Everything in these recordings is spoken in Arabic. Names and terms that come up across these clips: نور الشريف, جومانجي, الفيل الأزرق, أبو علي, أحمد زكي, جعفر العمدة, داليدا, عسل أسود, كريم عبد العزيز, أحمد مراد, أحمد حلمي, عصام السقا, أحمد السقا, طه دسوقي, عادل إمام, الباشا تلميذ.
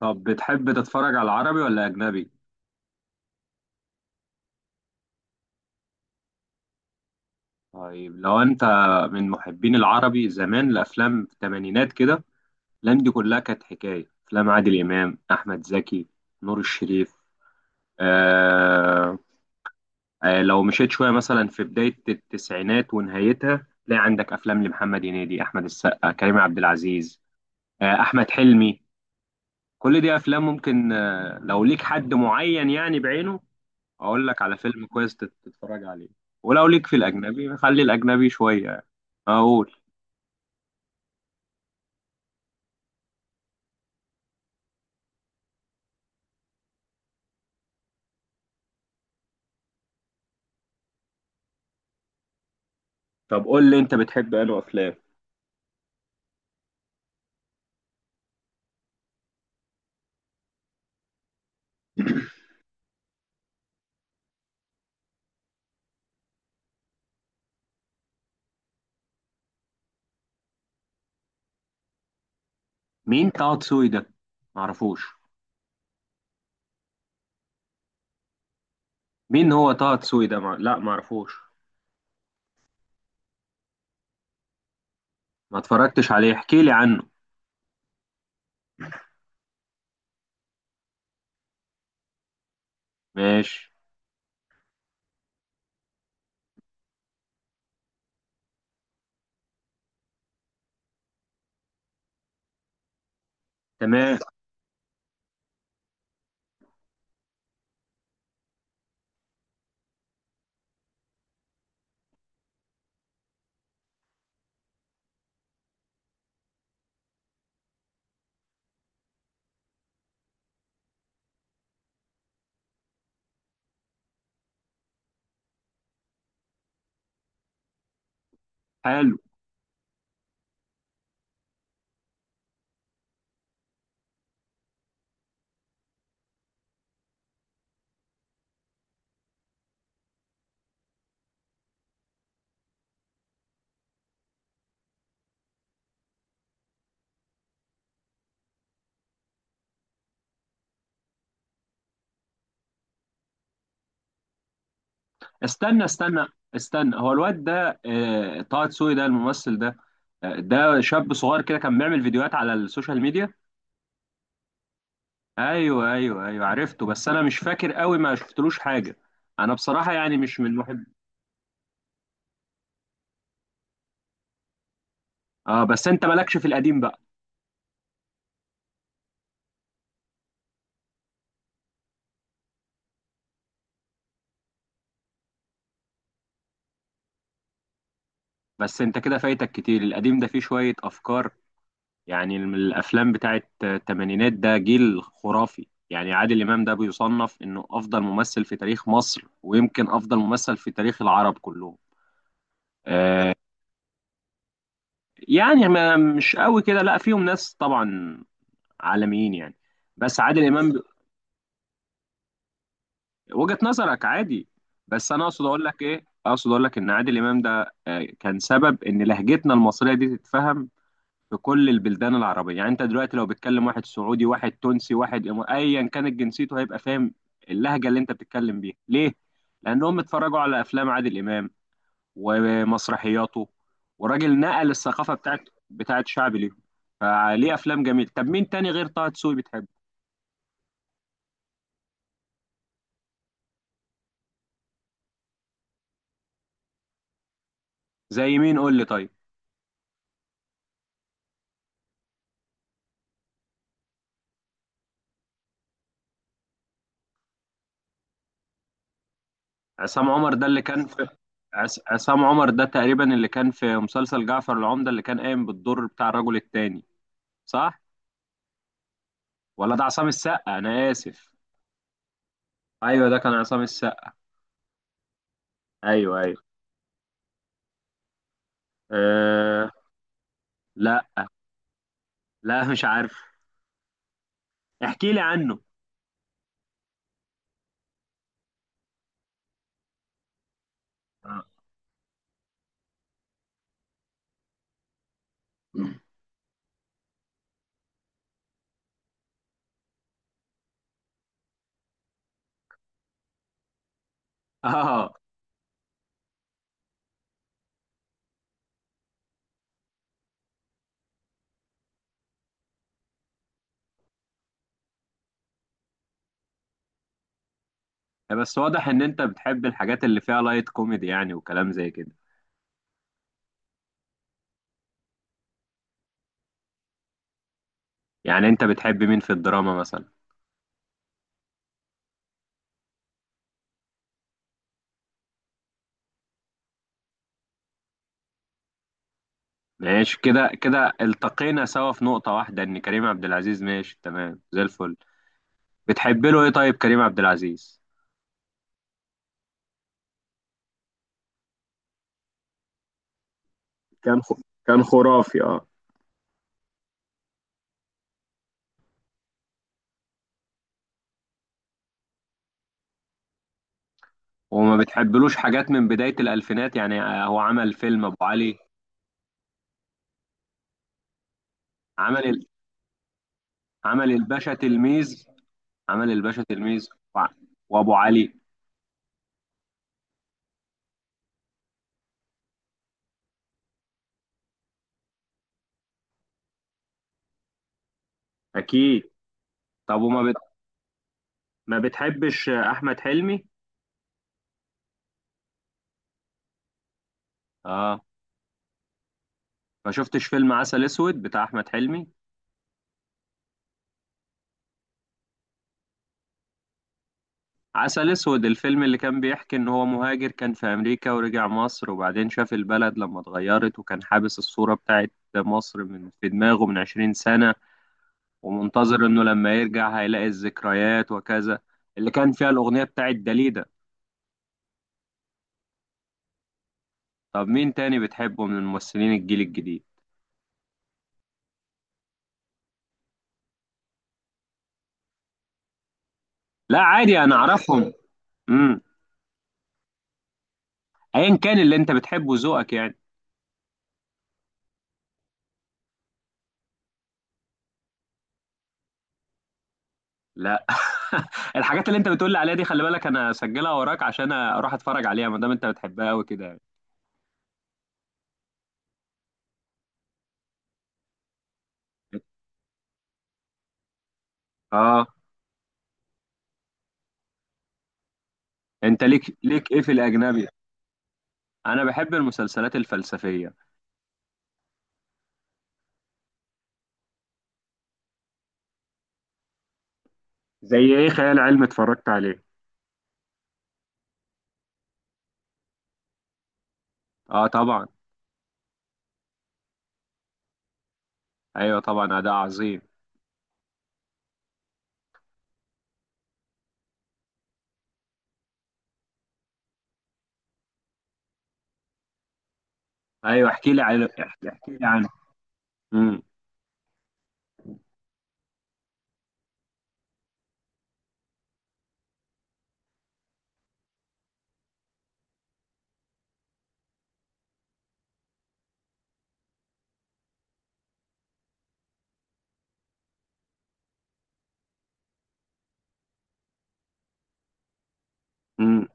طب بتحب تتفرج على العربي ولا أجنبي؟ طيب، لو أنت من محبين العربي زمان، الأفلام في الثمانينات كده، الأفلام دي كلها كانت حكاية. أفلام عادل إمام، أحمد زكي، نور الشريف. آه لو مشيت شوية مثلا في بداية التسعينات ونهايتها، تلاقي عندك أفلام لمحمد هنيدي، أحمد السقا، كريم عبد العزيز، أحمد حلمي. كل دي أفلام ممكن، لو ليك حد معين يعني بعينه، اقول لك على فيلم كويس تتفرج عليه. ولو ليك في الاجنبي خلي الاجنبي شويه. اقول طب قول لي انت بتحب انه افلام. مين طه دسوقي ده؟ معرفوش. مين هو طه دسوقي ده؟ لا معرفوش. ما اتفرجتش عليه، احكي لي عنه. ماشي. تمام. حلو. استنى استنى استنى، هو الواد ده طه دسوقي ده الممثل ده؟ ده شاب صغير كده كان بيعمل فيديوهات على السوشيال ميديا. ايوه ايوه ايوه عرفته، بس انا مش فاكر قوي، ما شفتلوش حاجه. انا بصراحه يعني مش من محب. اه، بس انت مالكش في القديم بقى. بس انت كده فايتك كتير، القديم ده فيه شويه افكار يعني. من الافلام بتاعت الثمانينات، ده جيل خرافي. يعني عادل امام ده بيصنف انه افضل ممثل في تاريخ مصر، ويمكن افضل ممثل في تاريخ العرب كلهم. آه، يعني ما مش قوي كده، لا فيهم ناس طبعا عالميين يعني، بس عادل امام. وجهة نظرك عادي. بس انا اقصد اقول لك ايه، اقصد اقول لك ان عادل امام ده كان سبب ان لهجتنا المصريه دي تتفهم في كل البلدان العربيه. يعني انت دلوقتي لو بتكلم واحد سعودي، واحد تونسي، واحد ايا كانت جنسيته، هيبقى فاهم اللهجه اللي انت بتتكلم بيها ليه. لانهم اتفرجوا على افلام عادل امام ومسرحياته، وراجل نقل الثقافه بتاعت شعب ليهم. فليه افلام جميله. طب مين تاني غير طه دسوقي بتحبه؟ زي مين قول لي طيب؟ عصام عمر ده اللي كان في… عصام عمر ده تقريبا اللي كان في مسلسل جعفر العمدة، اللي كان قايم بالدور بتاع الرجل التاني، صح؟ ولا ده عصام السقا، انا اسف. ايوه، ده كان عصام السقا. ايوه ايوه. أه... لا لا مش عارف، احكي لي عنه. اه. آه. بس واضح ان انت بتحب الحاجات اللي فيها لايت كوميدي يعني، وكلام زي كده. يعني انت بتحب مين في الدراما مثلا؟ ماشي، كده كده التقينا سوا في نقطة واحدة، ان كريم عبد العزيز ماشي تمام زي الفل. بتحب له ايه طيب كريم عبد العزيز؟ كان خ... كان خرافي، اه. وما بتحبلوش حاجات من بداية الألفينات يعني، هو عمل فيلم أبو علي. عمل ال... عمل الباشا تلميذ عمل الباشا تلميذ، وع- وأبو علي. أكيد. طب وما بت... ما بتحبش أحمد حلمي؟ آه ما شفتش فيلم عسل أسود بتاع أحمد حلمي؟ عسل اسود، الفيلم اللي كان بيحكي ان هو مهاجر كان في امريكا ورجع مصر، وبعدين شاف البلد لما اتغيرت، وكان حابس الصورة بتاعت مصر من في دماغه من 20 سنة، ومنتظر انه لما يرجع هيلاقي الذكريات وكذا. اللي كان فيها الاغنية بتاعت داليدا. طب مين تاني بتحبه من الممثلين الجيل الجديد؟ لا عادي انا اعرفهم. امم. ايا كان اللي انت بتحبه، ذوقك يعني. لا. الحاجات اللي انت بتقول لي عليها دي، خلي بالك انا اسجلها وراك عشان اروح اتفرج عليها، ما دام انت بتحبها قوي كده يعني. اه. انت ليك ايه في الاجنبي؟ انا بحب المسلسلات الفلسفيه. زي ايه خيال علمي اتفرجت عليه؟ اه طبعا. ايوه طبعا، ده عظيم. ايوه، احكي لي عنه. امم امم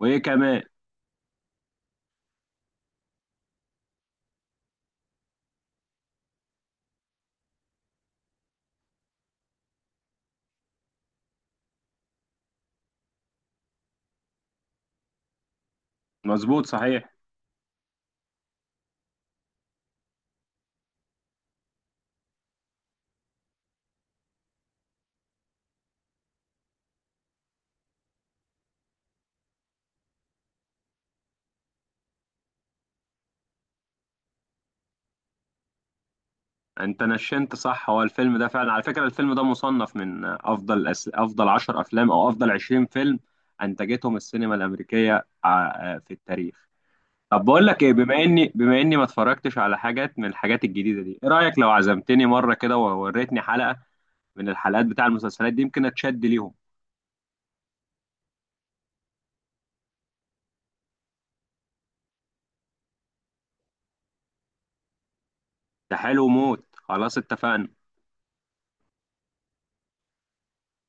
وايه كمان؟ مظبوط صحيح. انت نشنت صح، هو الفيلم ده فعلا، على فكره الفيلم ده مصنف من افضل افضل 10 افلام او افضل 20 فيلم انتجتهم السينما الامريكيه في التاريخ. طب بقول لك ايه، بما اني ما اتفرجتش على حاجات من الحاجات الجديده دي، ايه رايك لو عزمتني مره كده ووريتني حلقه من الحلقات بتاع المسلسلات دي، يمكن اتشد ليهم. ده حلو موت، خلاص اتفقنا.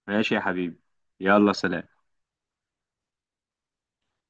ماشي يا حبيبي. يلا سلام.